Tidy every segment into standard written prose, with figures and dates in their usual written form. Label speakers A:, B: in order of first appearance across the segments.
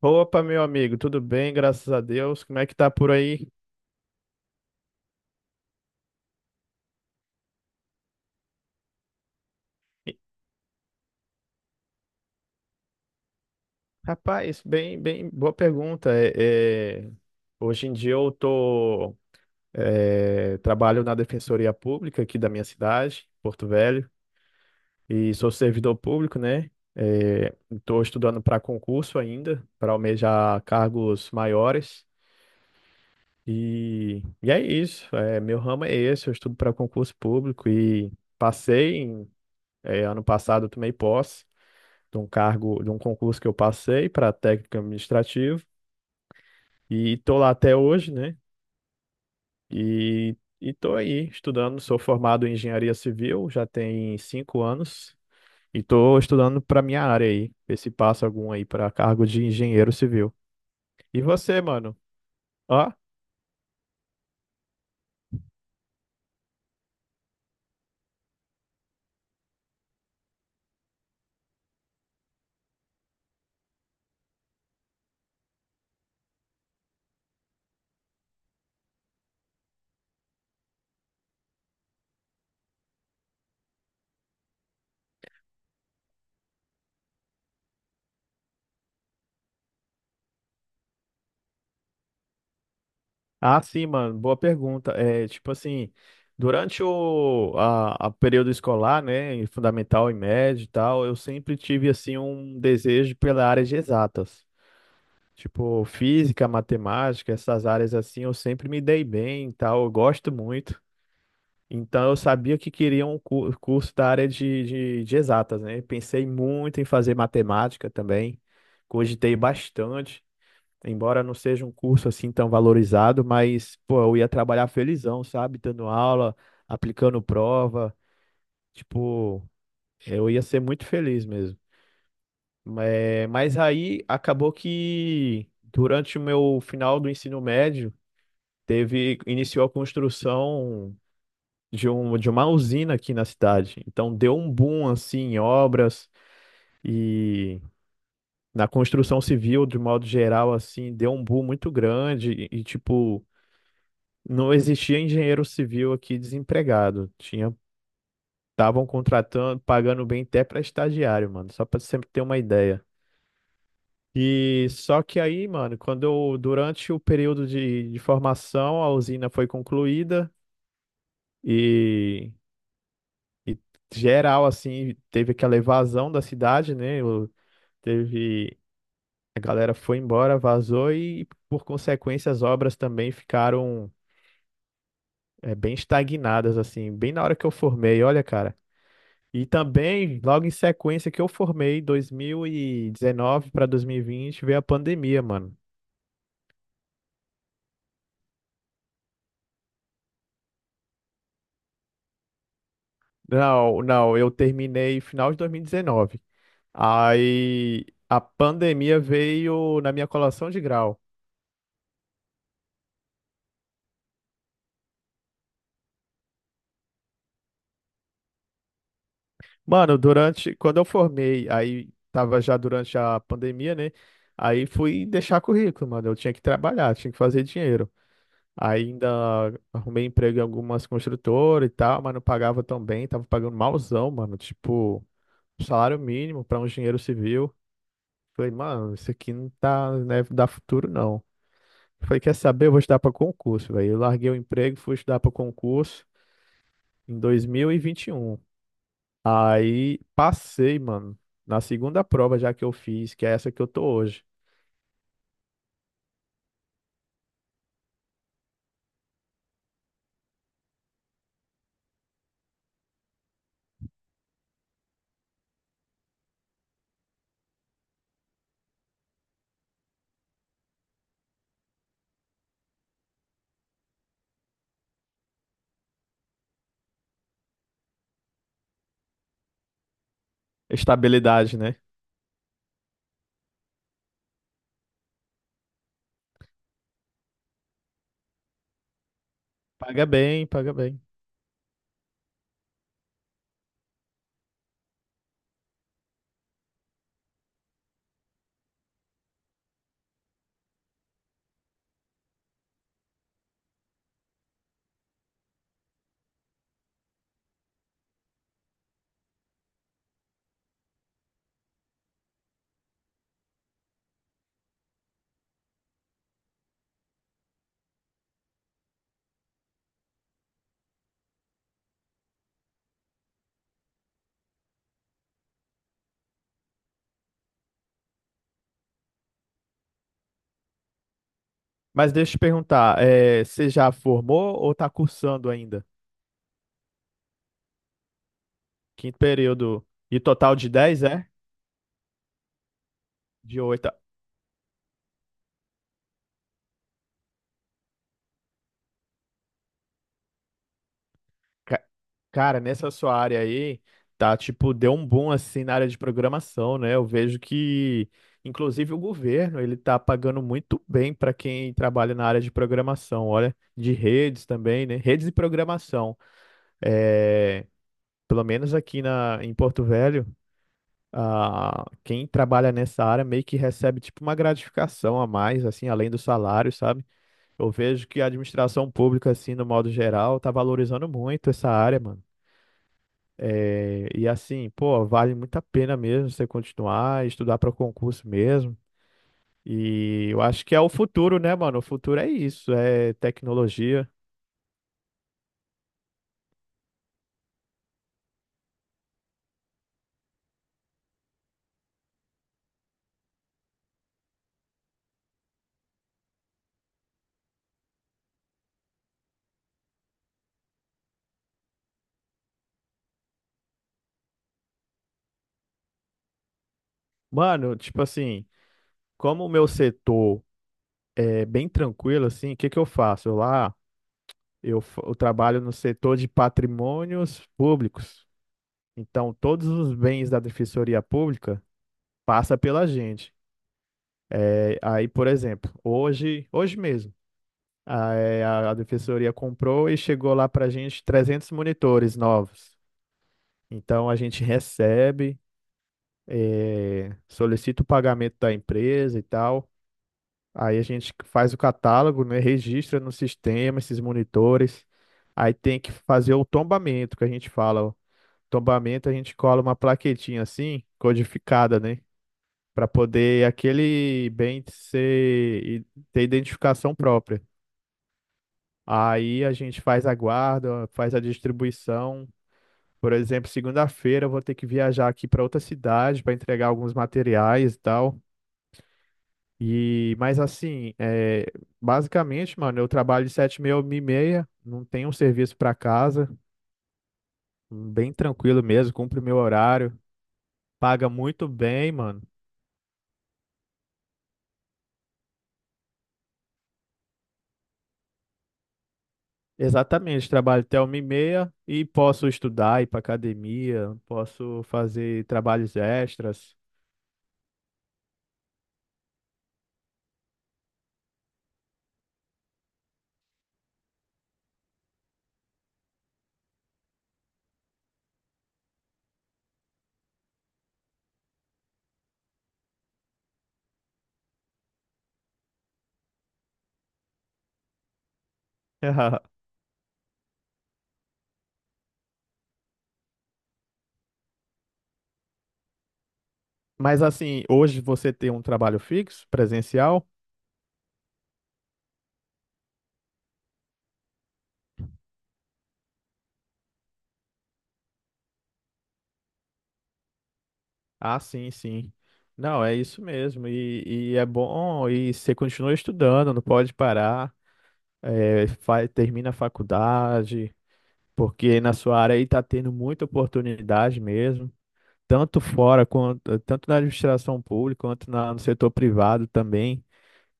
A: Opa, meu amigo, tudo bem? Graças a Deus. Como é que tá por aí? E, Rapaz, bem, boa pergunta. Hoje em dia eu tô, trabalho na Defensoria Pública aqui da minha cidade, Porto Velho, e sou servidor público, né? Estou estudando para concurso ainda, para almejar cargos maiores. E é isso. Meu ramo é esse, eu estudo para concurso público e passei em, ano passado, eu tomei posse. De um cargo, de um concurso que eu passei para técnico administrativo e tô lá até hoje, né? E tô aí estudando, sou formado em engenharia civil, já tem 5 anos e tô estudando para minha área aí, ver se passa algum aí para cargo de engenheiro civil. E você, mano? Ó, ah, sim, mano, boa pergunta. Tipo assim, durante o a período escolar, né, em fundamental e médio e tal, eu sempre tive assim um desejo pela área de exatas. Tipo, física, matemática, essas áreas assim, eu sempre me dei bem e tal, eu gosto muito. Então, eu sabia que queria um curso da área de exatas, né? Pensei muito em fazer matemática também, cogitei bastante, embora não seja um curso assim tão valorizado, mas, pô, eu ia trabalhar felizão, sabe? Dando aula, aplicando prova, tipo, eu ia ser muito feliz mesmo. Mas aí acabou que durante o meu final do ensino médio, iniciou a construção de uma usina aqui na cidade. Então deu um boom assim em obras e na construção civil, de modo geral, assim, deu um boom muito grande e, tipo, não existia engenheiro civil aqui desempregado. Estavam contratando, pagando bem até para estagiário, mano, só para sempre ter uma ideia. E só que aí, mano, durante o período de formação, a usina foi concluída. e E geral, assim, teve aquela evasão da cidade, né? Teve. A galera foi embora, vazou e, por consequência, as obras também ficaram bem estagnadas, assim, bem na hora que eu formei, olha, cara. E também, logo em sequência que eu formei, 2019 para 2020 veio a pandemia, mano. Não, não, eu terminei final de 2019. Aí a pandemia veio na minha colação de grau. Mano, quando eu formei, aí tava já durante a pandemia, né? Aí fui deixar currículo, mano. Eu tinha que trabalhar, tinha que fazer dinheiro. Ainda arrumei emprego em algumas construtoras e tal, mas não pagava tão bem, tava pagando malzão, mano. Tipo, salário mínimo pra um engenheiro civil. Falei, mano, isso aqui não tá, né, dá futuro, não. Falei, quer saber? Eu vou estudar pra concurso, velho. Eu larguei o emprego, fui estudar pra concurso em 2021. Aí passei, mano, na segunda prova já que eu fiz, que é essa que eu tô hoje. Estabilidade, né? Paga bem, paga bem. Mas deixa eu te perguntar, você já formou ou tá cursando ainda? Quinto período. E total de 10, é? De 8? Ca- Cara, nessa sua área aí, tá, tipo, deu um boom assim na área de programação, né? Eu vejo que, inclusive, o governo, ele tá pagando muito bem para quem trabalha na área de programação, olha, de redes também, né? Redes e programação. É, Pelo menos aqui em Porto Velho, ah, quem trabalha nessa área meio que recebe, tipo, uma gratificação a mais, assim, além do salário, sabe? Eu vejo que a administração pública, assim, no modo geral, tá valorizando muito essa área, mano. E assim, pô, vale muito a pena mesmo você continuar, estudar para concurso mesmo. E eu acho que é o futuro, né, mano? O futuro é isso, é tecnologia. Mano, tipo assim, como o meu setor é bem tranquilo, assim, o que que eu faço? Eu lá, eu trabalho no setor de patrimônios públicos. Então, todos os bens da Defensoria Pública passa pela gente. Aí, por exemplo, hoje, hoje mesmo. A defensoria comprou e chegou lá para a gente 300 monitores novos. Então a gente recebe, solicita o pagamento da empresa e tal. Aí a gente faz o catálogo, né, registra no sistema esses monitores. Aí tem que fazer o tombamento, que a gente fala. O tombamento a gente cola uma plaquetinha assim, codificada, né? Para poder aquele bem ser, ter identificação própria. Aí a gente faz a guarda, faz a distribuição. Por exemplo, segunda-feira eu vou ter que viajar aqui para outra cidade para entregar alguns materiais e tal. Mas assim, basicamente, mano, eu trabalho de 7h30 a 1h30, não tenho um serviço para casa, bem tranquilo mesmo, cumpro meu horário, paga muito bem, mano. Exatamente, trabalho até 1h30 e posso estudar, ir para academia, posso fazer trabalhos extras. Mas assim, hoje você tem um trabalho fixo, presencial? Ah, sim, sim. Não, é isso mesmo. E é bom, e você continua estudando, não pode parar. Termina a faculdade, porque na sua área aí está tendo muita oportunidade mesmo, tanto fora quanto tanto na administração pública quanto no setor privado também.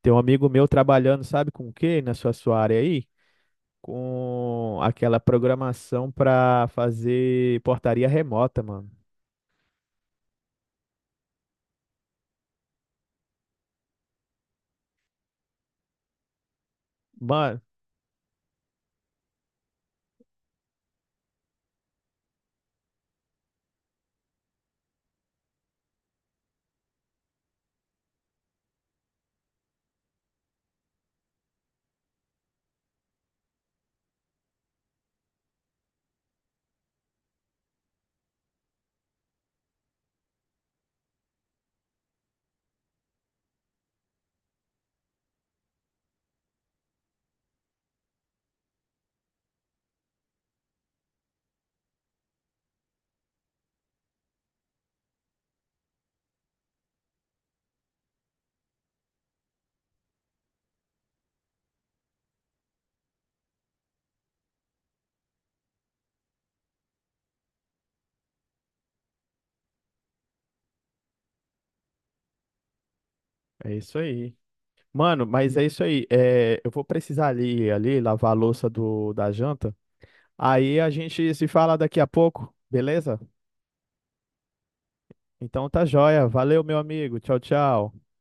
A: Tem um amigo meu trabalhando, sabe com o quê? Na sua área aí? Com aquela programação para fazer portaria remota, mano. Mano, é isso aí. Mano, mas é isso aí. Eu vou precisar ali, ali lavar a louça da janta. Aí a gente se fala daqui a pouco, beleza? Então tá joia. Valeu, meu amigo. Tchau, tchau.